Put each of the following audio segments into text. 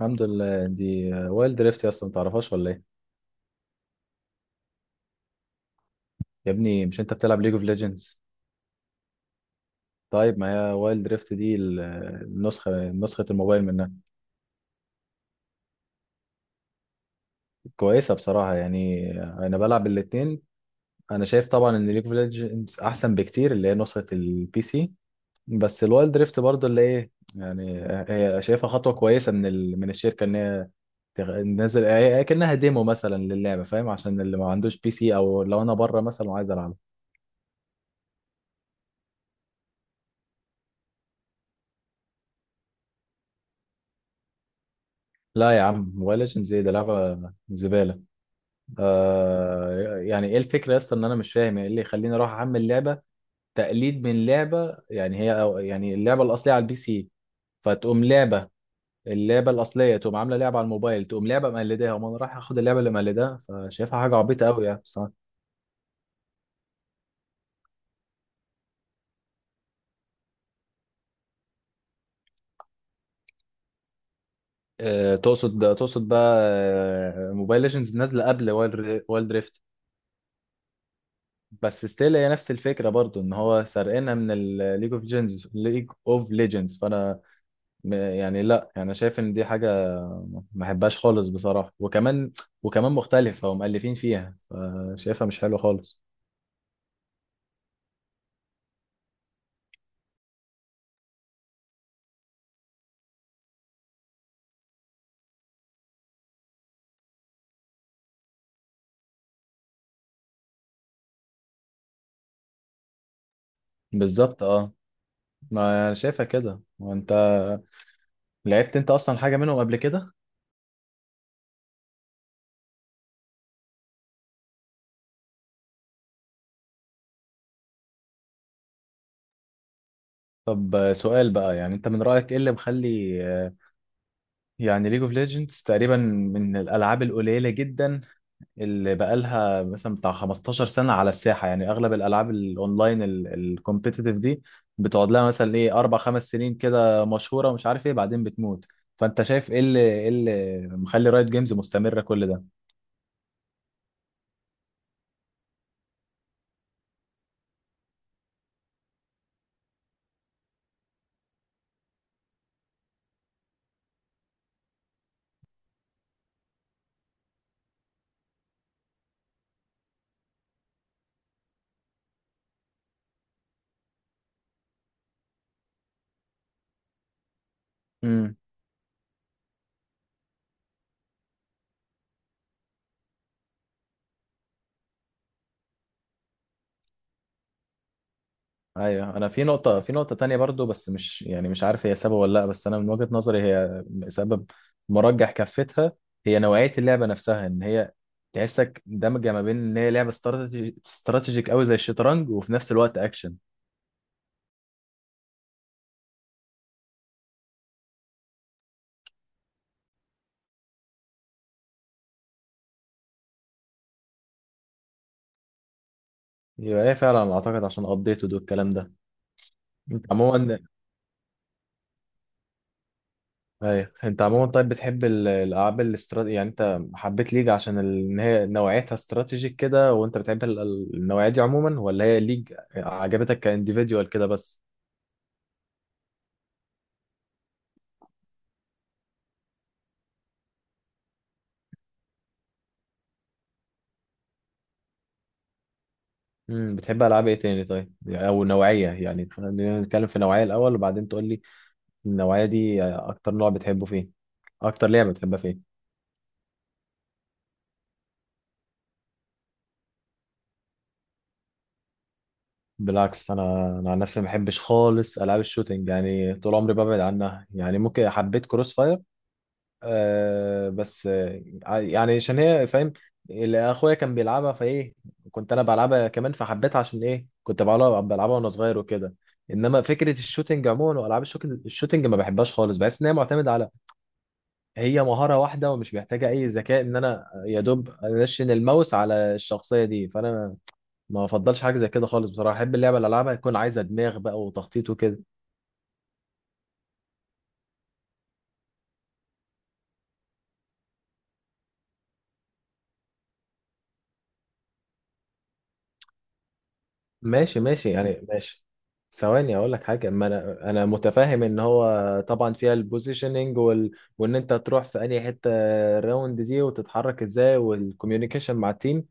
الحمد لله، دي وايلد دريفت يا اسطى، ما تعرفهاش ولا ايه؟ يا ابني مش انت بتلعب ليج اوف ليجندز؟ طيب، ما هي وايلد دريفت دي نسخه الموبايل منها. كويسه بصراحه، يعني انا بلعب الاتنين. انا شايف طبعا ان ليج اوف ليجندز احسن بكتير، اللي هي نسخه البي سي. بس الوايلد دريفت برضو اللي ايه يعني، هي شايفها خطوه كويسه من الشركه ان هي تنزل، هي كأنها ديمو مثلا للعبه، فاهم؟ عشان اللي ما عندوش بي سي، او لو انا بره مثلا وعايز العب. لا يا عم، موبايل ليجندز ايه ده؟ لعبه زباله. آه، يعني ايه الفكره يا اسطى؟ ان انا مش فاهم يعني ايه اللي يخليني اروح احمل لعبه تقليد من لعبه، يعني هي، أو يعني اللعبه الاصليه على البي سي فتقوم لعبه، اللعبه الاصليه تقوم عامله لعبه على الموبايل، تقوم لعبه مقلداها، وما انا رايح اخد اللعبه اللي مقلداها، فشايفها حاجه عبيطه قوي يعني بصراحه. آه، تقصد بقى، موبايل ليجندز نازله قبل وايلد دريفت. بس ستيل هي نفس الفكره برضو، ان هو سرقنا من الليج اوف ليجندز، فانا يعني لا، يعني انا شايف ان دي حاجه ما احبهاش خالص بصراحه، وكمان مختلفه ومؤلفين فيها، شايفها مش حلوه خالص. بالظبط، اه. ما انا شايفها كده. وانت لعبت انت اصلا حاجه منهم قبل كده؟ طب، سؤال بقى، يعني انت من رايك، ايه اللي مخلي يعني ليج اوف ليجندز تقريبا من الالعاب القليله جدا اللي بقالها مثلا بتاع 15 سنة على الساحة. يعني أغلب الألعاب الأونلاين الكومبيتيتيف دي بتقعد لها مثلا إيه، أربع خمس سنين كده مشهورة، ومش عارف إيه، بعدين بتموت. فأنت شايف إيه اللي مخلي رايت جيمز مستمرة كل ده؟ امم، أيوه، أنا في نقطة تانية برضو، بس مش، يعني مش عارف هي سبب ولا لأ، بس أنا من وجهة نظري هي سبب مرجح كفتها. هي نوعية اللعبة نفسها، إن هي تحسك دمجة ما بين إن هي لعبة استراتيجيك قوي زي الشطرنج، وفي نفس الوقت أكشن. يبقى ايه فعلا؟ اعتقد عشان ابديت ودو الكلام ده. انت عموما، ايوه، انت عموما طيب بتحب الالعاب الاستراتيجي؟ يعني انت حبيت ليج عشان ان هي نوعيتها استراتيجيك كده، وانت بتحب النوعيه دي عموما، ولا هي ليج عجبتك كانديفيديوال كده بس؟ بتحب العاب ايه تاني طيب، او نوعيه، يعني خلينا نتكلم في نوعيه الاول وبعدين تقول لي النوعيه دي اكتر نوع بتحبه فين، اكتر لعبه بتحبها فين. بالعكس، انا عن نفسي ما بحبش خالص العاب الشوتينج، يعني طول عمري ببعد عنها، يعني ممكن حبيت كروس فاير آه، بس يعني عشان هي فاهم، اللي اخويا كان بيلعبها، فايه كنت انا بلعبها كمان فحبيتها عشان ايه، كنت بلعبها وانا صغير وكده. انما فكره الشوتينج عموما، والعاب الشوتينج ما بحبهاش خالص، بحس ان هي معتمده على هي مهاره واحده ومش محتاجه اي ذكاء، ان انا يا دوب انشن الماوس على الشخصيه دي، فانا ما بفضلش حاجه زي كده خالص بصراحه، احب اللعبه اللي العبها يكون عايزه دماغ بقى، وتخطيط وكده. ماشي، ماشي، يعني ماشي. ثواني اقول لك حاجه، ما انا متفاهم ان هو طبعا فيها البوزيشننج وان انت تروح في اي حته الراوند دي، وتتحرك ازاي، والكوميونيكيشن مع التيم.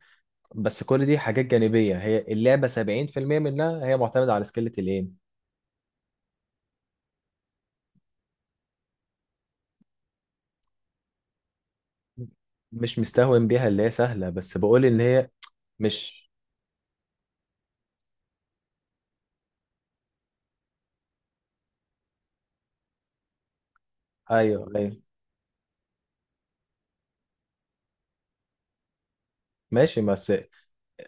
بس كل دي حاجات جانبيه، هي اللعبه 70% منها هي معتمده على سكيلة الايم. مش مستهون بيها اللي هي سهله، بس بقول ان هي مش. ايوه، ايوه، ماشي. بس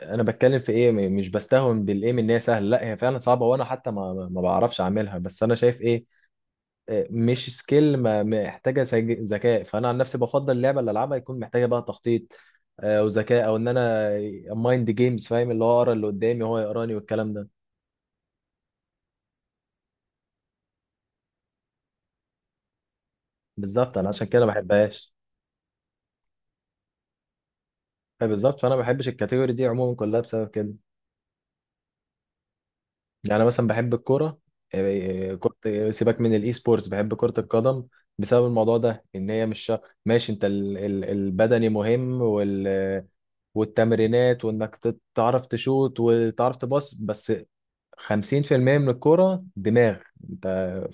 انا بتكلم في ايه، مش بستهون بالايم ان هي سهله، لا هي فعلا صعبه، وانا حتى ما بعرفش اعملها، بس انا شايف ايه، مش سكيل محتاجه ذكاء، فانا عن نفسي بفضل اللعبه اللي العبها يكون محتاجه بقى تخطيط وذكاء، او ان انا مايند جيمز، فاهم؟ اللي هو اقرا اللي قدامي وهو يقراني والكلام ده. بالظبط، انا عشان كده ما بحبهاش. بالظبط، فانا ما بحبش الكاتيجوري دي عموما كلها بسبب كده. يعني مثلا بحب الكوره، آه، آه، كرة آه، سيبك من الاي سبورتس، بحب كرة القدم بسبب الموضوع ده، ان هي مش ماشي، انت البدني مهم والتمرينات، وانك تعرف تشوت وتعرف تباص، بس 50% من الكورة دماغ. انت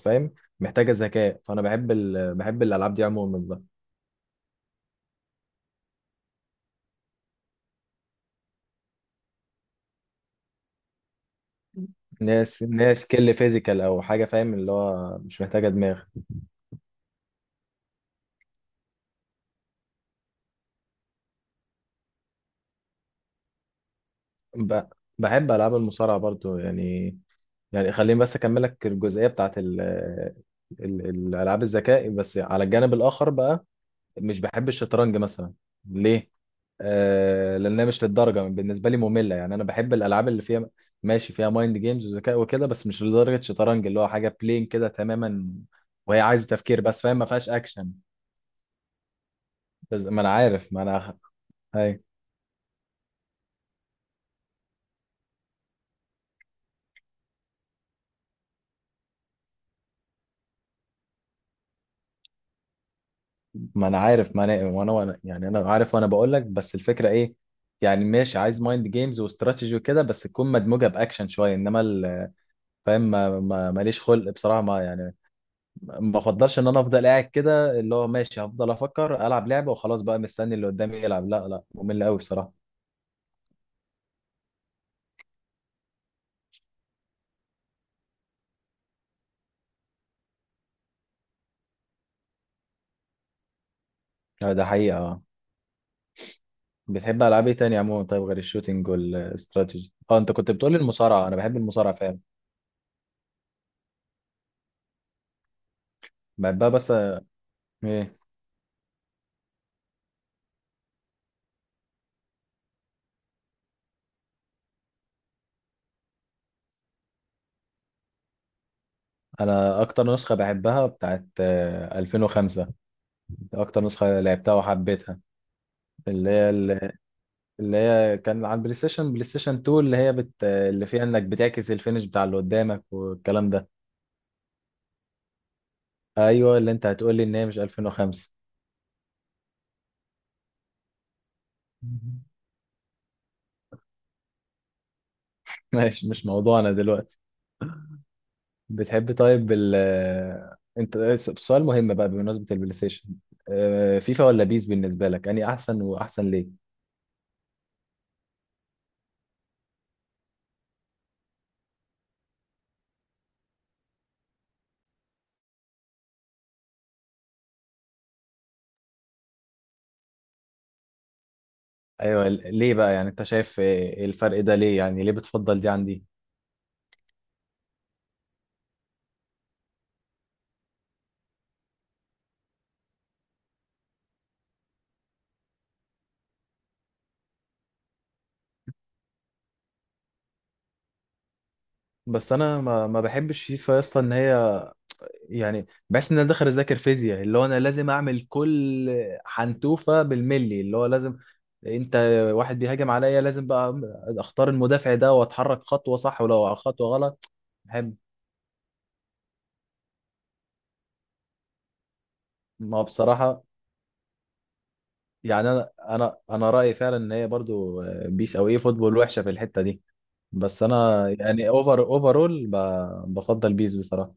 فاهم؟ محتاجة ذكاء. فانا بحب الالعاب دي عموما بقى. ناس سكيل فيزيكال او حاجة، فاهم؟ اللي هو مش محتاجة دماغ. ب... بحب العاب المصارعة برضو، يعني. يعني خليني بس اكملك الجزئية بتاعت الالعاب الذكاء، بس على الجانب الاخر بقى، مش بحب الشطرنج مثلا. ليه؟ لأنها مش للدرجة، بالنسبة لي مملة. يعني أنا بحب الألعاب اللي فيها ماشي فيها مايند جيمز وذكاء وكده، بس مش لدرجة شطرنج اللي هو حاجة بلين كده تماما، وهي عايزة تفكير بس، فاهم؟ ما فيهاش أكشن. بس ما أنا عارف، ما أنا هاي، ما أنا عارف، ما أنا يعني أنا عارف، وأنا بقول لك، بس الفكرة إيه؟ يعني ماشي، عايز مايند جيمز واستراتيجي وكده، بس تكون مدموجة بأكشن شوية، إنما فاهم؟ ماليش خلق بصراحة، ما يعني ما افضلش ان انا افضل قاعد كده، اللي هو ماشي هفضل افكر، العب لعبه وخلاص بقى مستني اللي قدامي يلعب؟ لا، لا، ممل قوي بصراحه. آه، ده حقيقه. بتحب العاب ايه تاني عموما طيب، غير الشوتينج والاستراتيجي؟ اه، انت كنت بتقولي المصارعه، انا بحب المصارعه فعلا، بحبها بس ايه، انا اكتر نسخه بحبها بتاعت 2005، اكتر نسخه لعبتها وحبيتها. اللي هي اللي هي كان على البلاي ستيشن بلاي ستيشن 2 اللي هي اللي فيها انك بتعكس الفينش بتاع اللي قدامك والكلام ده. ايوه، اللي انت هتقولي ان هي مش 2005. ماشي، مش موضوعنا دلوقتي. بتحب طيب ال انت سؤال مهم بقى بمناسبة البلاي ستيشن. فيفا ولا بيس بالنسبة لك، اني احسن؟ واحسن ليه؟ ايوه، ليه بقى؟ يعني انت شايف الفرق ده ليه؟ يعني ليه بتفضل دي عن دي؟ بس انا ما بحبش فيفا يا اسطى، ان هي، يعني بحس ان انا داخل اذاكر فيزياء، اللي هو انا لازم اعمل كل حنتوفة بالملي، اللي هو لازم. انت، واحد بيهاجم عليا لازم بقى اختار المدافع ده، واتحرك خطوة صح، ولو خطوة غلط. بحب ما هو بصراحة، يعني أنا رأيي فعلا إن هي برضو بيس أو إيه فوتبول وحشة في الحتة دي، بس أنا يعني أوفرول بفضل بيس بصراحة.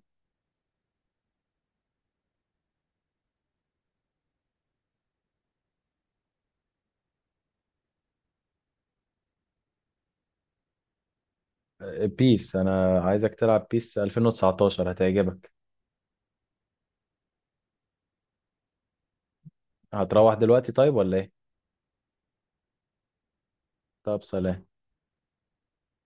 بيس أنا عايزك تلعب بيس 2019 هتعجبك. هتروح دلوقتي طيب، ولا إيه؟ طب، سلام.